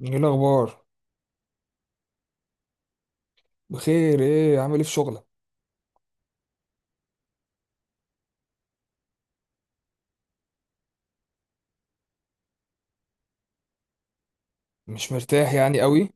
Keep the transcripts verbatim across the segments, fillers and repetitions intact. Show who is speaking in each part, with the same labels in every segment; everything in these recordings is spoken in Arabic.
Speaker 1: ايه الاخبار؟ بخير. ايه عامل ايه في شغلك؟ مش مرتاح يعني قوي.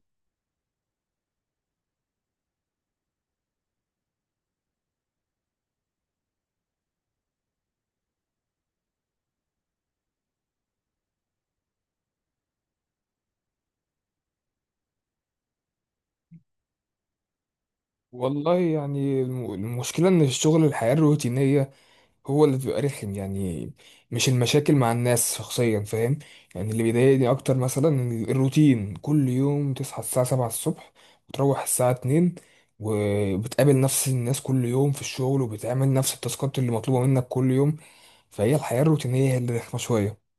Speaker 1: والله يعني الم- المشكله ان الشغل الحياه الروتينيه هو اللي بيبقى رخم يعني. مش المشاكل مع الناس شخصيا، فاهم. يعني اللي بيضايقني اكتر مثلا إن الروتين كل يوم تصحى الساعه سبعة الصبح وتروح الساعه اتنين، وبتقابل نفس الناس كل يوم في الشغل وبتعمل نفس التاسكات اللي مطلوبه منك كل يوم. فهي الحياه الروتينيه هي اللي رخمه شويه.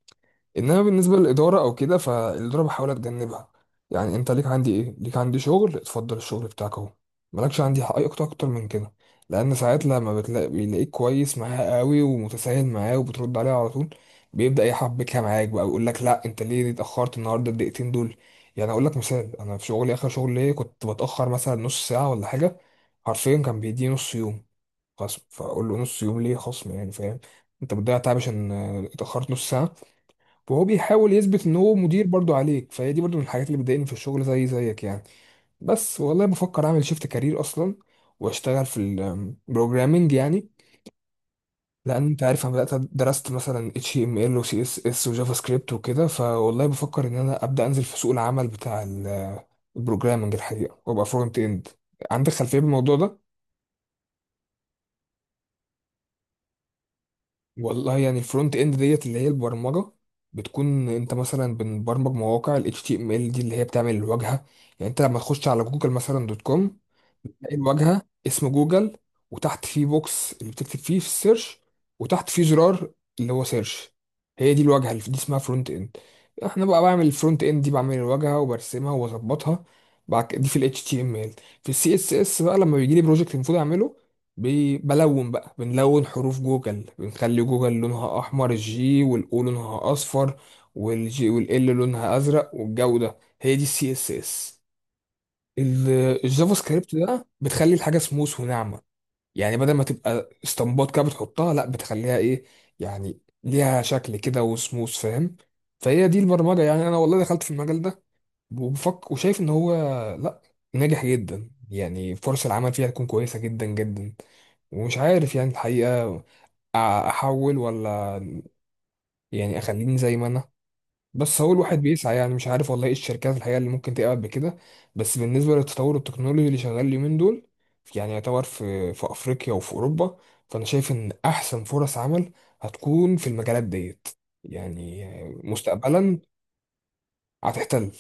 Speaker 1: انما بالنسبه للاداره او كده، فالاداره بحاول اتجنبها. يعني انت ليك عندي ايه؟ ليك عندي شغل، اتفضل الشغل بتاعك اهو. مالكش عندي حق اي اكتر اكتر من كده. لان ساعات لما بتلاقي بيلاقيك كويس معاه قوي ومتساهل معاه وبترد عليه على طول، بيبدا يحبكها معاك بقى ويقول لك لا انت ليه اتاخرت النهارده الدقيقتين دول؟ يعني اقول لك مثال، انا في شغلي اخر شغل ليا كنت بتاخر مثلا نص ساعه ولا حاجه، حرفيا كان بيديني نص يوم خصم. فاقول له نص يوم ليه خصم يعني؟ فاهم، انت بتضيع تعب عشان آه، اتاخرت نص ساعه. وهو بيحاول يثبت ان هو مدير برضو عليك. فهي دي برضو من الحاجات اللي بتضايقني في الشغل، زي زيك يعني. بس والله بفكر اعمل شيفت كارير اصلا، واشتغل في البروجرامنج يعني. لان انت عارف انا بدات درست مثلا اتش تي ام ال وسي اس اس وجافا سكريبت وكده. فوالله بفكر ان انا ابدا انزل في سوق العمل بتاع البروجرامنج الحقيقه، وابقى فرونت اند. عندك خلفيه بالموضوع ده؟ والله يعني الفرونت اند ديت اللي هي البرمجه، بتكون انت مثلا بنبرمج مواقع ال H T M L دي اللي هي بتعمل الواجهه. يعني انت لما تخش على جوجل مثلا دوت كوم، هتلاقي الواجهه اسم جوجل، وتحت فيه بوكس اللي بتكتب فيه في السيرش، وتحت فيه زرار اللي هو سيرش. هي دي الواجهه اللي دي اسمها فرونت اند. احنا بقى بعمل الفرونت اند دي، بعمل الواجهه وبرسمها واظبطها. بعد كده- دي في الاتش تي ام ال. في السي اس اس بقى لما بيجي لي بروجكت المفروض اعمله، بي- بلون بقى، بنلون حروف جوجل، بنخلي جوجل لونها احمر، الجي والاو لونها اصفر، والجي والال لونها ازرق والجو ده. هي دي السي اس اس. ال- الجافا سكريبت ده بتخلي الحاجه سموث وناعمه. يعني بدل ما تبقى اسطمبات كده بتحطها، لا بتخليها ايه، يعني ليها شكل كده وسموث، فاهم. فهي دي البرمجه. يعني انا والله دخلت في المجال ده وبفكر، وشايف ان هو لا، ناجح جدا، يعني فرص العمل فيها تكون كويسه جدا جدا. ومش عارف يعني الحقيقه، أ- احول ولا يعني اخليني زي ما انا. بس هو الواحد بيسعى، يعني مش عارف والله ايه الشركات الحقيقة اللي ممكن تقع بكده. بس بالنسبة للتطور التكنولوجي اللي شغال اليومين دول، يعني يعتبر في في أفريقيا وفي أوروبا، فأنا شايف إن أحسن فرص عمل هتكون في المجالات ديت، يعني مستقبلا، هتحتل.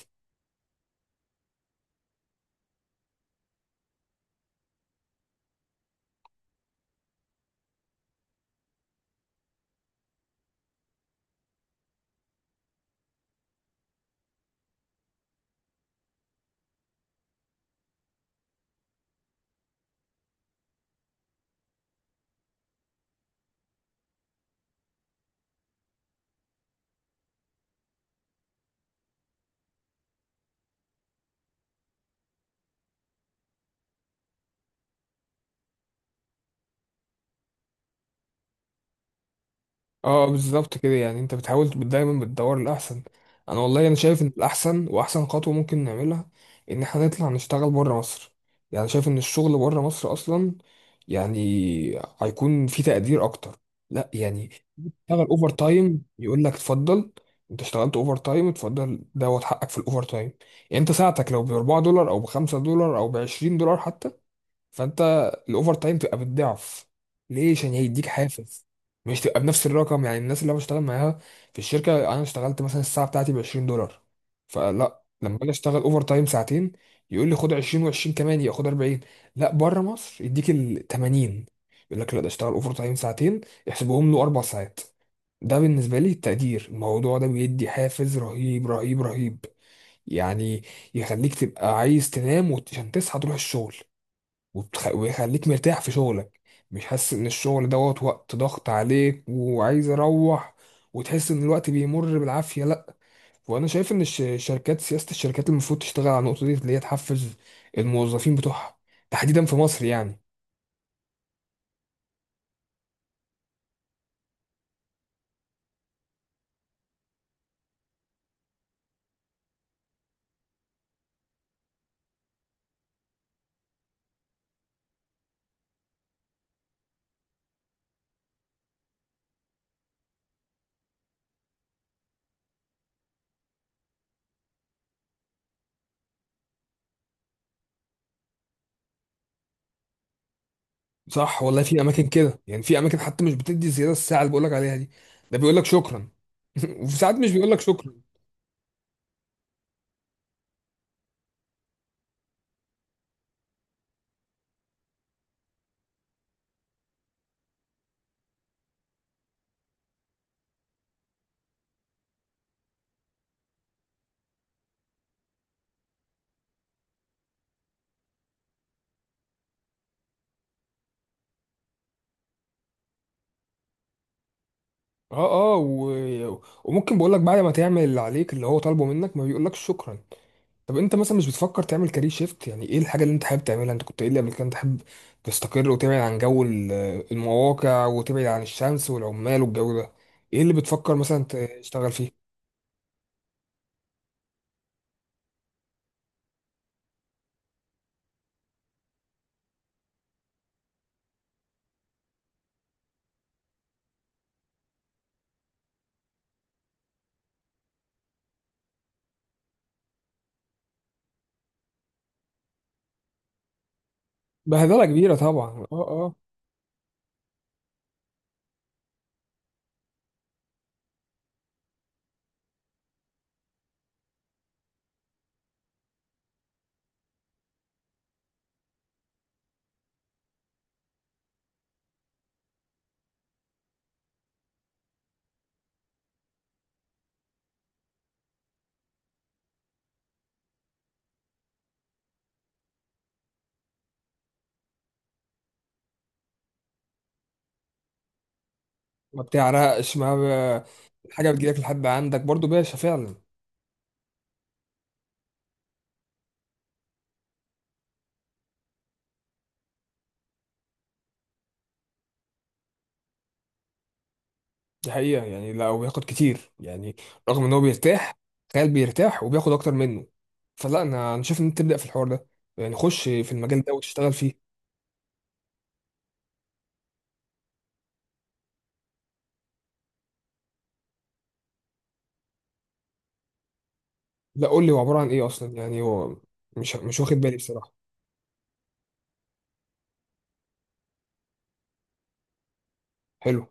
Speaker 1: اه بالظبط كده. يعني انت بتحاول تب- دايما بتدور الاحسن. انا والله انا شايف ان الاحسن واحسن خطوه ممكن نعملها، ان احنا نطلع نشتغل بره مصر. يعني شايف ان الشغل بره مصر اصلا، يعني، هيكون في تقدير اكتر. لا يعني تشتغل اوفر تايم يقول لك اتفضل، انت اشتغلت اوفر تايم اتفضل دوت حقك في الاوفر تايم. يعني انت ساعتك لو ب اربعة دولار او ب خمسة دولار او ب عشرين دولار حتى، فانت الاوفر تايم تبقى بالضعف. ليه؟ عشان هيديك حافز، مش تبقى بنفس الرقم. يعني الناس اللي انا بشتغل معاها في الشركه، انا اشتغلت مثلا الساعه بتاعتي ب عشرين دولار، فلا لما اجي اشتغل اوفر تايم ساعتين يقول لي خد عشرين و20 كمان، ياخد اربعين. لا، بره مصر يديك ال ثمانين، يقول لك لا ده اشتغل اوفر تايم ساعتين، احسبهم له اربع ساعات. ده بالنسبه لي التقدير. الموضوع ده بيدي حافز رهيب رهيب رهيب. يعني يخليك تبقى عايز تنام وعشان تصحى تروح الشغل، وبتخ... ويخليك مرتاح في شغلك، مش حاسس ان الشغل دوت وقت ضغط عليك وعايز اروح، وتحس ان الوقت بيمر بالعافية. لا. وانا شايف ان الش- الشركات، سياسة الشركات المفروض تشتغل على النقطة دي اللي هي تحفز الموظفين بتوعها، تحديدا في مصر يعني. صح والله، في اماكن كده يعني، في اماكن حتى مش بتدي زيادة الساعة اللي بقولك عليها دي، ده بيقولك شكرا. وفي ساعات مش بيقولك شكرا. اه اه و... وممكن بقولك بعد ما تعمل اللي عليك اللي هو طالبه منك ما بيقولكش شكرا. طب انت مثلا مش بتفكر تعمل كارير شيفت؟ يعني ايه الحاجه اللي انت حابب تعملها؟ انت كنت قايل لي قبل كده انت حابب تستقر وتبعد عن جو ال- المواقع، وتبعد عن الشمس والعمال والجو ده. ايه اللي بتفكر مثلا تشتغل فيه؟ بهدله كبيره طبعا، اه اه. ما بتعرقش، ما ب... الحاجه بتجيلك لحد عندك برضو باشا فعلا. دي حقيقه يعني لو بياخد كتير يعني، رغم ان هو بيرتاح. تخيل، بيرتاح وبياخد اكتر منه. فلا انا انا شايف ان انت تبدا في الحوار ده، يعني خش في المجال ده وتشتغل فيه. لا قول لي هو عبارة عن ايه اصلا؟ يعني هو مش مش واخد بالي بصراحة. حلو.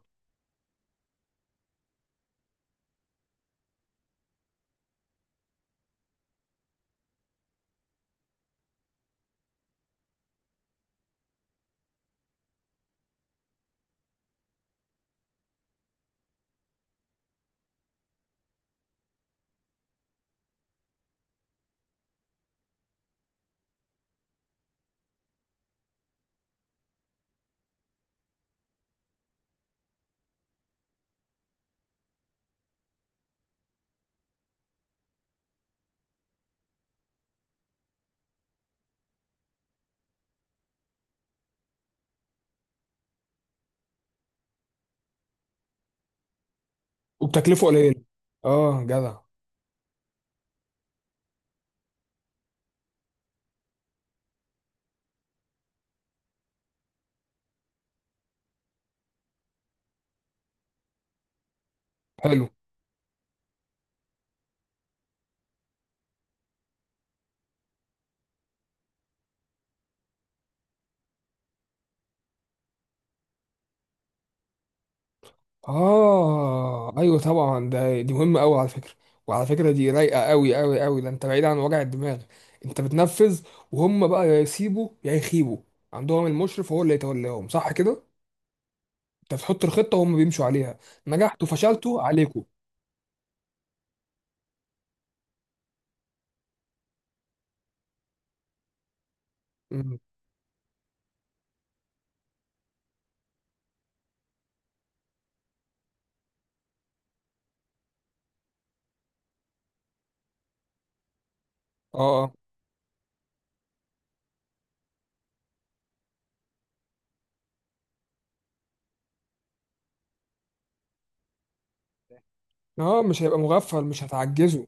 Speaker 1: وبتكلفه قليلة. اه جدع. حلو. اه ايوه طبعا، ده دي مهمة قوي على فكرة. وعلى فكرة دي رايقة قوي قوي قوي. ده انت بعيد عن وجع الدماغ، انت بتنفذ، وهم بقى يا يسيبوا يا يخيبوا. عندهم المشرف هو اللي يتولاهم، صح كده؟ انت بتحط الخطة وهم بيمشوا عليها، نجحتوا فشلتوا عليكم. مم. اه اه. اه، مش هيبقى مغفل مش هتعجزه.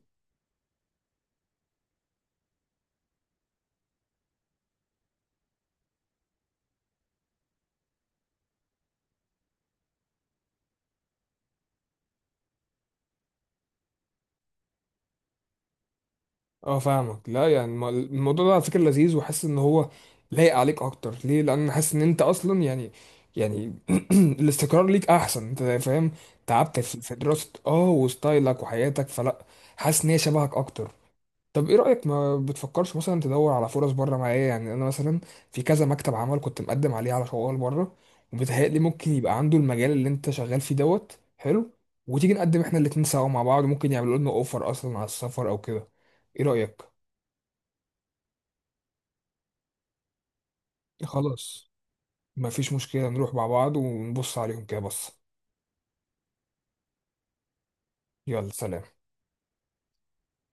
Speaker 1: اه فاهمك. لا يعني الم- الموضوع ده على فكره لذيذ، وحاسس ان هو لايق عليك اكتر. ليه؟ لان حاسس ان انت اصلا يعني، يعني الاستقرار ليك احسن، انت فاهم. تعبت في في دراسه اه، وستايلك وحياتك فلا، حاسس ان هي شبهك اكتر. طب ايه رايك؟ ما بتفكرش مثلا تدور على فرص بره معايا؟ يعني انا مثلا في كذا مكتب عمل كنت مقدم عليه على شغل بره، وبيتهيألي ممكن يبقى عنده المجال اللي انت شغال فيه دوت حلو، وتيجي نقدم احنا الاتنين سوا مع بعض، ممكن يعملوا لنا اوفر اصلا على السفر او كده. ايه رأيك؟ خلاص. مفيش مشكلة، نروح مع بعض ونبص عليهم كده بص. يلا، سلام.